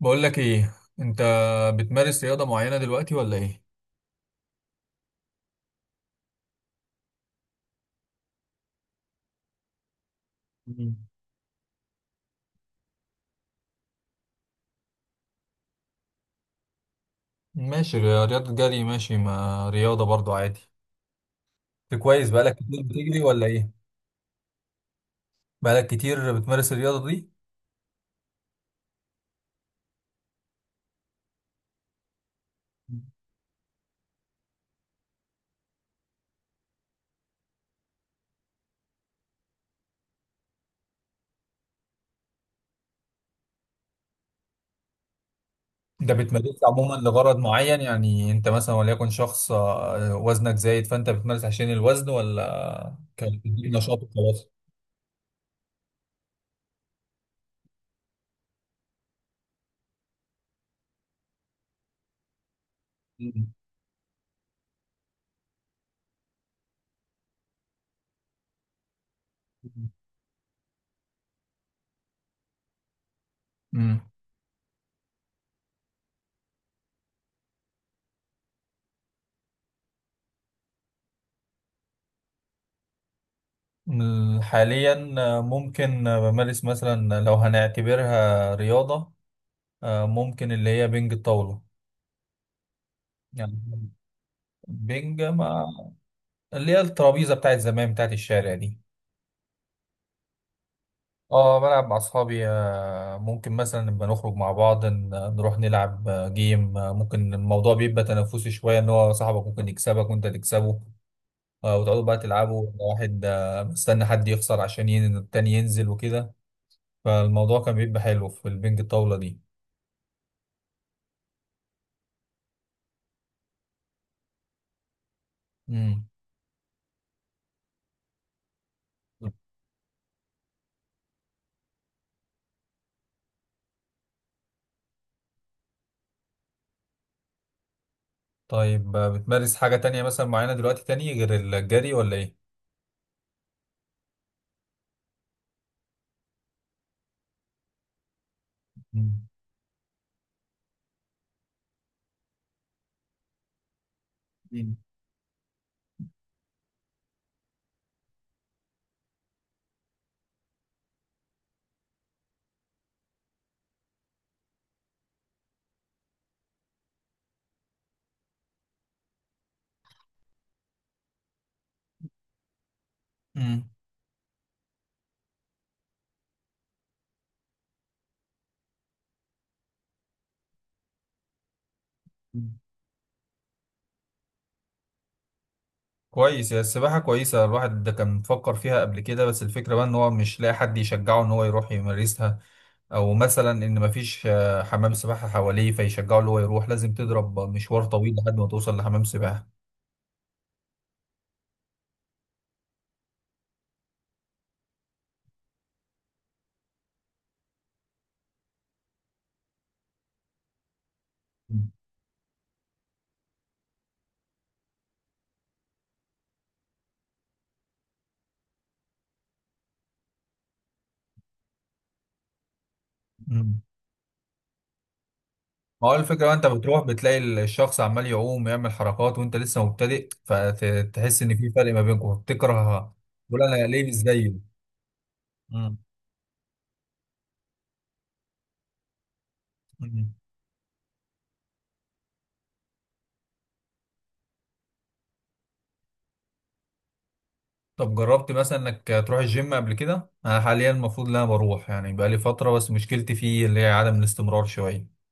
بقول لك ايه انت؟ بتمارس رياضة معينة دلوقتي ولا ايه؟ مم. ماشي. رياضة جري، ماشي، ما رياضة برضو عادي. انت كويس، بقالك كتير بتجري ولا ايه؟ بقالك كتير بتمارس الرياضة دي؟ انت بتمارسها عموما لغرض معين، يعني انت مثلا وليكن شخص وزنك زايد، فانت بتمارس عشان الوزن، ولا كان بتديك نشاط وخلاص؟ مم. امم. حاليا، ممكن، بمارس مثلا لو هنعتبرها رياضة، ممكن اللي هي بنج الطاولة. يعني بينج، ما... اللي هي الترابيزه بتاعت زمان، بتاعت الشارع دي. اه، بلعب مع اصحابي، ممكن مثلا نبقى نخرج مع بعض، نروح نلعب جيم، ممكن الموضوع بيبقى تنافسي شويه، ان هو صاحبك ممكن يكسبك وانت تكسبه. وتقعدوا بقى تلعبوا، واحد مستني حد يخسر عشان التاني ينزل وكده. فالموضوع كان بيبقى حلو في البنج الطاوله دي. امم. طيب، بتمارس حاجه تانية مثلا معينه دلوقتي تاني غير الجري ولا ايه؟ مم. مم. كويس، هي السباحة كويسة. الواحد ده كان مفكر فيها قبل كده، بس الفكرة بقى ان هو مش لاقي حد يشجعه ان هو يروح يمارسها، او مثلا ان مفيش حمام سباحة حواليه فيشجعه ان هو يروح، لازم تضرب مشوار طويل لحد ما توصل لحمام سباحة. مم. ما هو الفكرة بقى، انت بتروح بتلاقي الشخص عمال يعوم يعمل حركات، وانت لسه مبتدئ، فتحس ان في فرق ما بينكم تكره، تقول انا ليه مش زيه. مم. مم. طب جربت مثلا انك تروح الجيم قبل كده؟ انا حاليا المفروض ان انا بروح، يعني بقالي فتره، بس مشكلتي فيه اللي هي عدم الاستمرار شويه.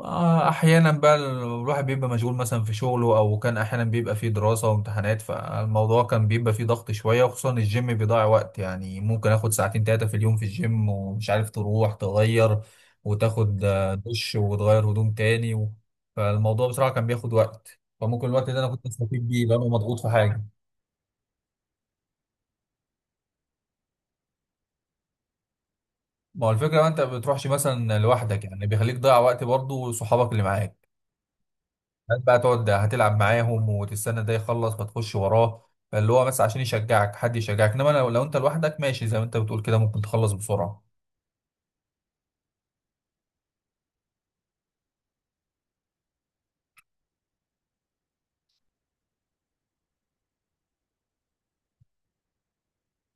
احيانا بقى الواحد بيبقى مشغول مثلا في شغله، او كان احيانا بيبقى فيه دراسه وامتحانات، فالموضوع كان بيبقى فيه ضغط شويه، وخصوصا الجيم بيضيع وقت، يعني ممكن اخد ساعتين تلاتة في اليوم في الجيم، ومش عارف تروح تغير وتاخد دش وتغير هدوم تاني و... فالموضوع بصراحه كان بياخد وقت، فممكن الوقت ده انا كنت استفيد بيه لانه مضغوط في حاجه. ما هو الفكرة ما انت ما بتروحش مثلا لوحدك، يعني بيخليك تضيع وقت برضه، وصحابك اللي معاك هات بقى تقعد هتلعب معاهم وتستنى ده يخلص فتخش وراه. اللي هو بس عشان يشجعك، حد يشجعك، انما لو انت لوحدك ماشي زي ما انت بتقول كده، ممكن تخلص بسرعة.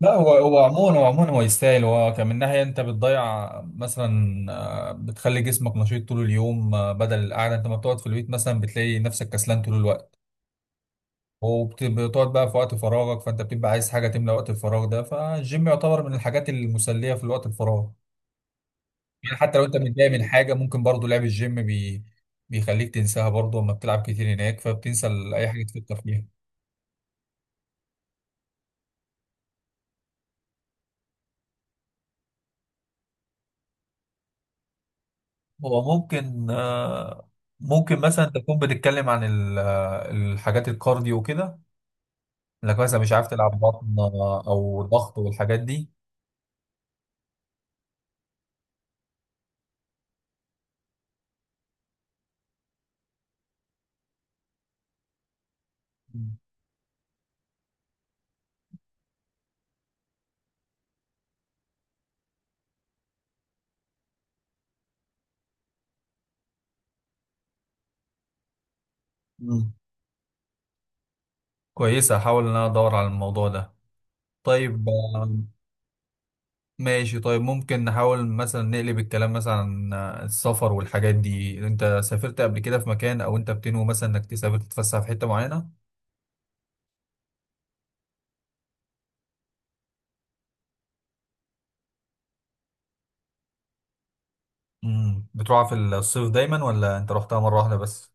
لا، هو هو عموما، هو عموما هو يستاهل، هو كان من ناحية انت بتضيع مثلا بتخلي جسمك نشيط طول اليوم، بدل القعدة انت ما بتقعد في البيت، مثلا بتلاقي نفسك كسلان طول الوقت، وبتقعد بقى في وقت فراغك، فانت بتبقى عايز حاجه تملى وقت الفراغ ده، فالجيم يعتبر من الحاجات المسليه في الوقت الفراغ. يعني حتى لو انت متضايق من حاجه، ممكن برضو لعب الجيم بيخليك تنساها برضو، اما بتلعب كتير هناك فبتنسى اي حاجه تفكر فيها. هو ممكن ممكن مثلا تكون بتتكلم عن الحاجات الكارديو وكده، انك مثلا مش عارف تلعب بطن او ضغط والحاجات دي. مم. كويسة، هحاول ان انا ادور على الموضوع ده. طيب. ماشي، طيب ممكن نحاول مثلا نقلب الكلام مثلا عن السفر والحاجات دي. انت سافرت قبل كده في مكان، او انت بتنوي مثلا انك تسافر تتفسح في حتة معينة؟ امم. بتروحها في الصيف دايما ولا انت رحتها مرة واحدة بس؟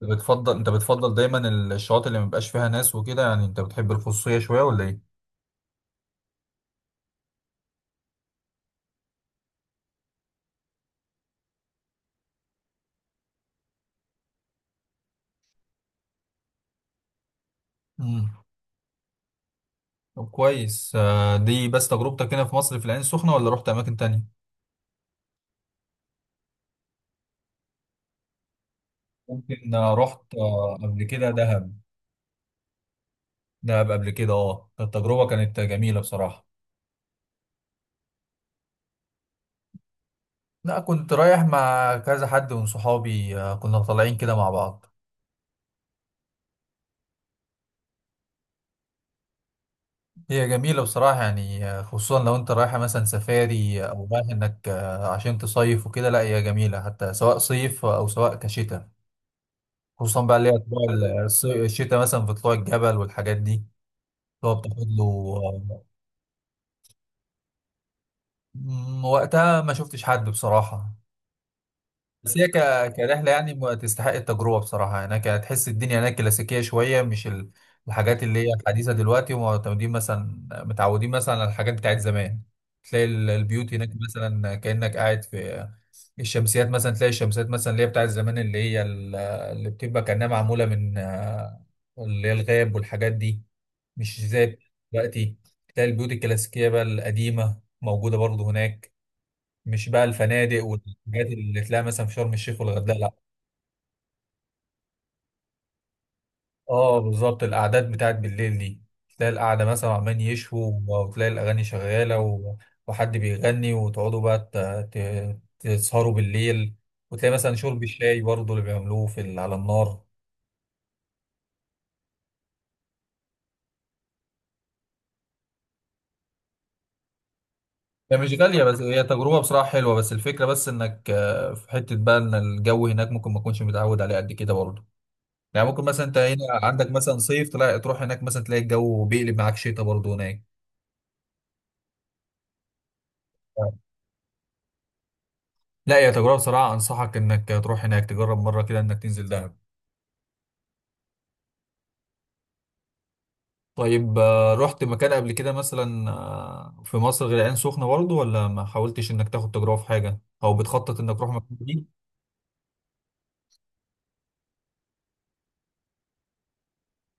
بتفضل، انت بتفضل دايما الشواطئ اللي مبقاش فيها ناس وكده، يعني انت بتحب الخصوصية شوية ولا ايه؟ امم. طب كويس. دي بس تجربتك هنا في مصر في العين السخنة، ولا رحت اماكن تانية؟ ممكن رحت قبل كده دهب. دهب قبل كده، اه، التجربة كانت جميلة بصراحة. لا، كنت رايح مع كذا حد من صحابي، كنا طالعين كده مع بعض. هي جميلة بصراحة يعني، خصوصا لو انت رايحة مثلا سفاري، او رايح انك عشان تصيف وكده، لا، هي جميلة حتى سواء صيف او سواء كشتاء. خصوصا بقى اللي هي طلوع الشتاء، مثلا في طلوع الجبل والحاجات دي اللي هو بتاخد له آه، وقتها ما شفتش حد بصراحة. بس هي كرحلة يعني ما تستحق التجربة بصراحة. هناك هتحس الدنيا هناك كلاسيكية شوية، مش الحاجات اللي هي الحديثة دلوقتي، ومعتمدين مثلا متعودين مثلا على الحاجات بتاعت زمان. تلاقي البيوت هناك مثلا كأنك قاعد في الشمسيات. مثلا تلاقي الشمسيات مثلا اللي هي بتاعت زمان، اللي هي اللي بتبقى كأنها معمولة من اللي هي الغاب والحاجات دي، مش زي دلوقتي. تلاقي البيوت الكلاسيكية بقى القديمة موجودة برضه هناك، مش بقى الفنادق والحاجات اللي تلاقيها مثلا في شرم الشيخ والغردقه، لا. اه، بالظبط، القعدات بتاعت بالليل دي، تلاقي القعده مثلا عمال يشووا، وتلاقي الاغاني شغاله وحد بيغني، وتقعدوا بقى تسهروا بالليل، وتلاقي مثلا شرب الشاي برضه اللي بيعملوه على النار. هي مش غالية، بس هي تجربة بصراحة حلوة، بس الفكرة بس انك في حتة بقى ان الجو هناك ممكن ما تكونش متعود عليه قد كده برضه. يعني ممكن مثلا انت هنا عندك مثلا صيف، تلاقي تروح هناك مثلا تلاقي الجو بيقلب معاك شتاء برضه هناك. لا، يا تجربة بصراحة، أنصحك إنك تروح هناك تجرب مرة كده إنك تنزل دهب. طيب، رحت مكان قبل كده مثلا في مصر غير العين سخنة برضه، ولا ما حاولتش إنك تاخد تجربة في حاجة، أو بتخطط إنك تروح مكان جديد؟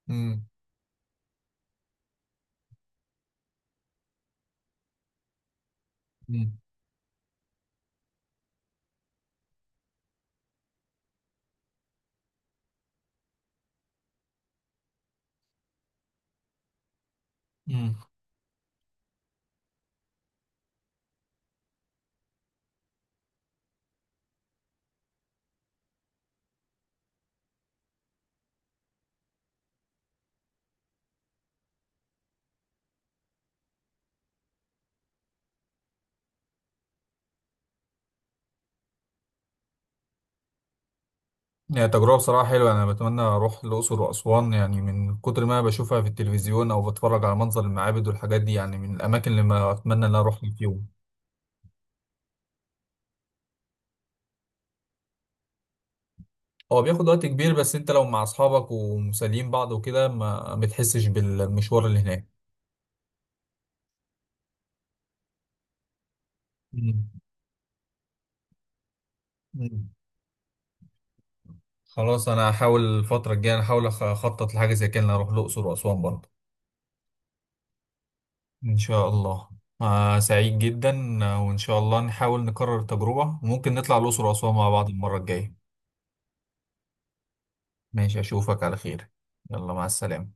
امم. امم. امم. هي تجربة بصراحة حلوة، أنا بتمنى أروح الأقصر وأسوان، يعني من كتر ما بشوفها في التلفزيون أو بتفرج على منظر المعابد والحاجات دي، يعني من الأماكن اللي ما أتمنى إن أنا أروح في يوم. هو بياخد وقت كبير، بس أنت لو مع أصحابك ومسالين بعض وكده ما بتحسش بالمشوار اللي هناك. مم. خلاص، انا هحاول الفتره الجايه احاول اخطط لحاجه زي كده، إن أنا اروح الاقصر واسوان برضه. إن شاء الله. سعيد جدا، وان شاء الله نحاول نكرر التجربه، وممكن نطلع الاقصر واسوان مع بعض المره الجايه. ماشي، اشوفك على خير. يلا، مع السلامه.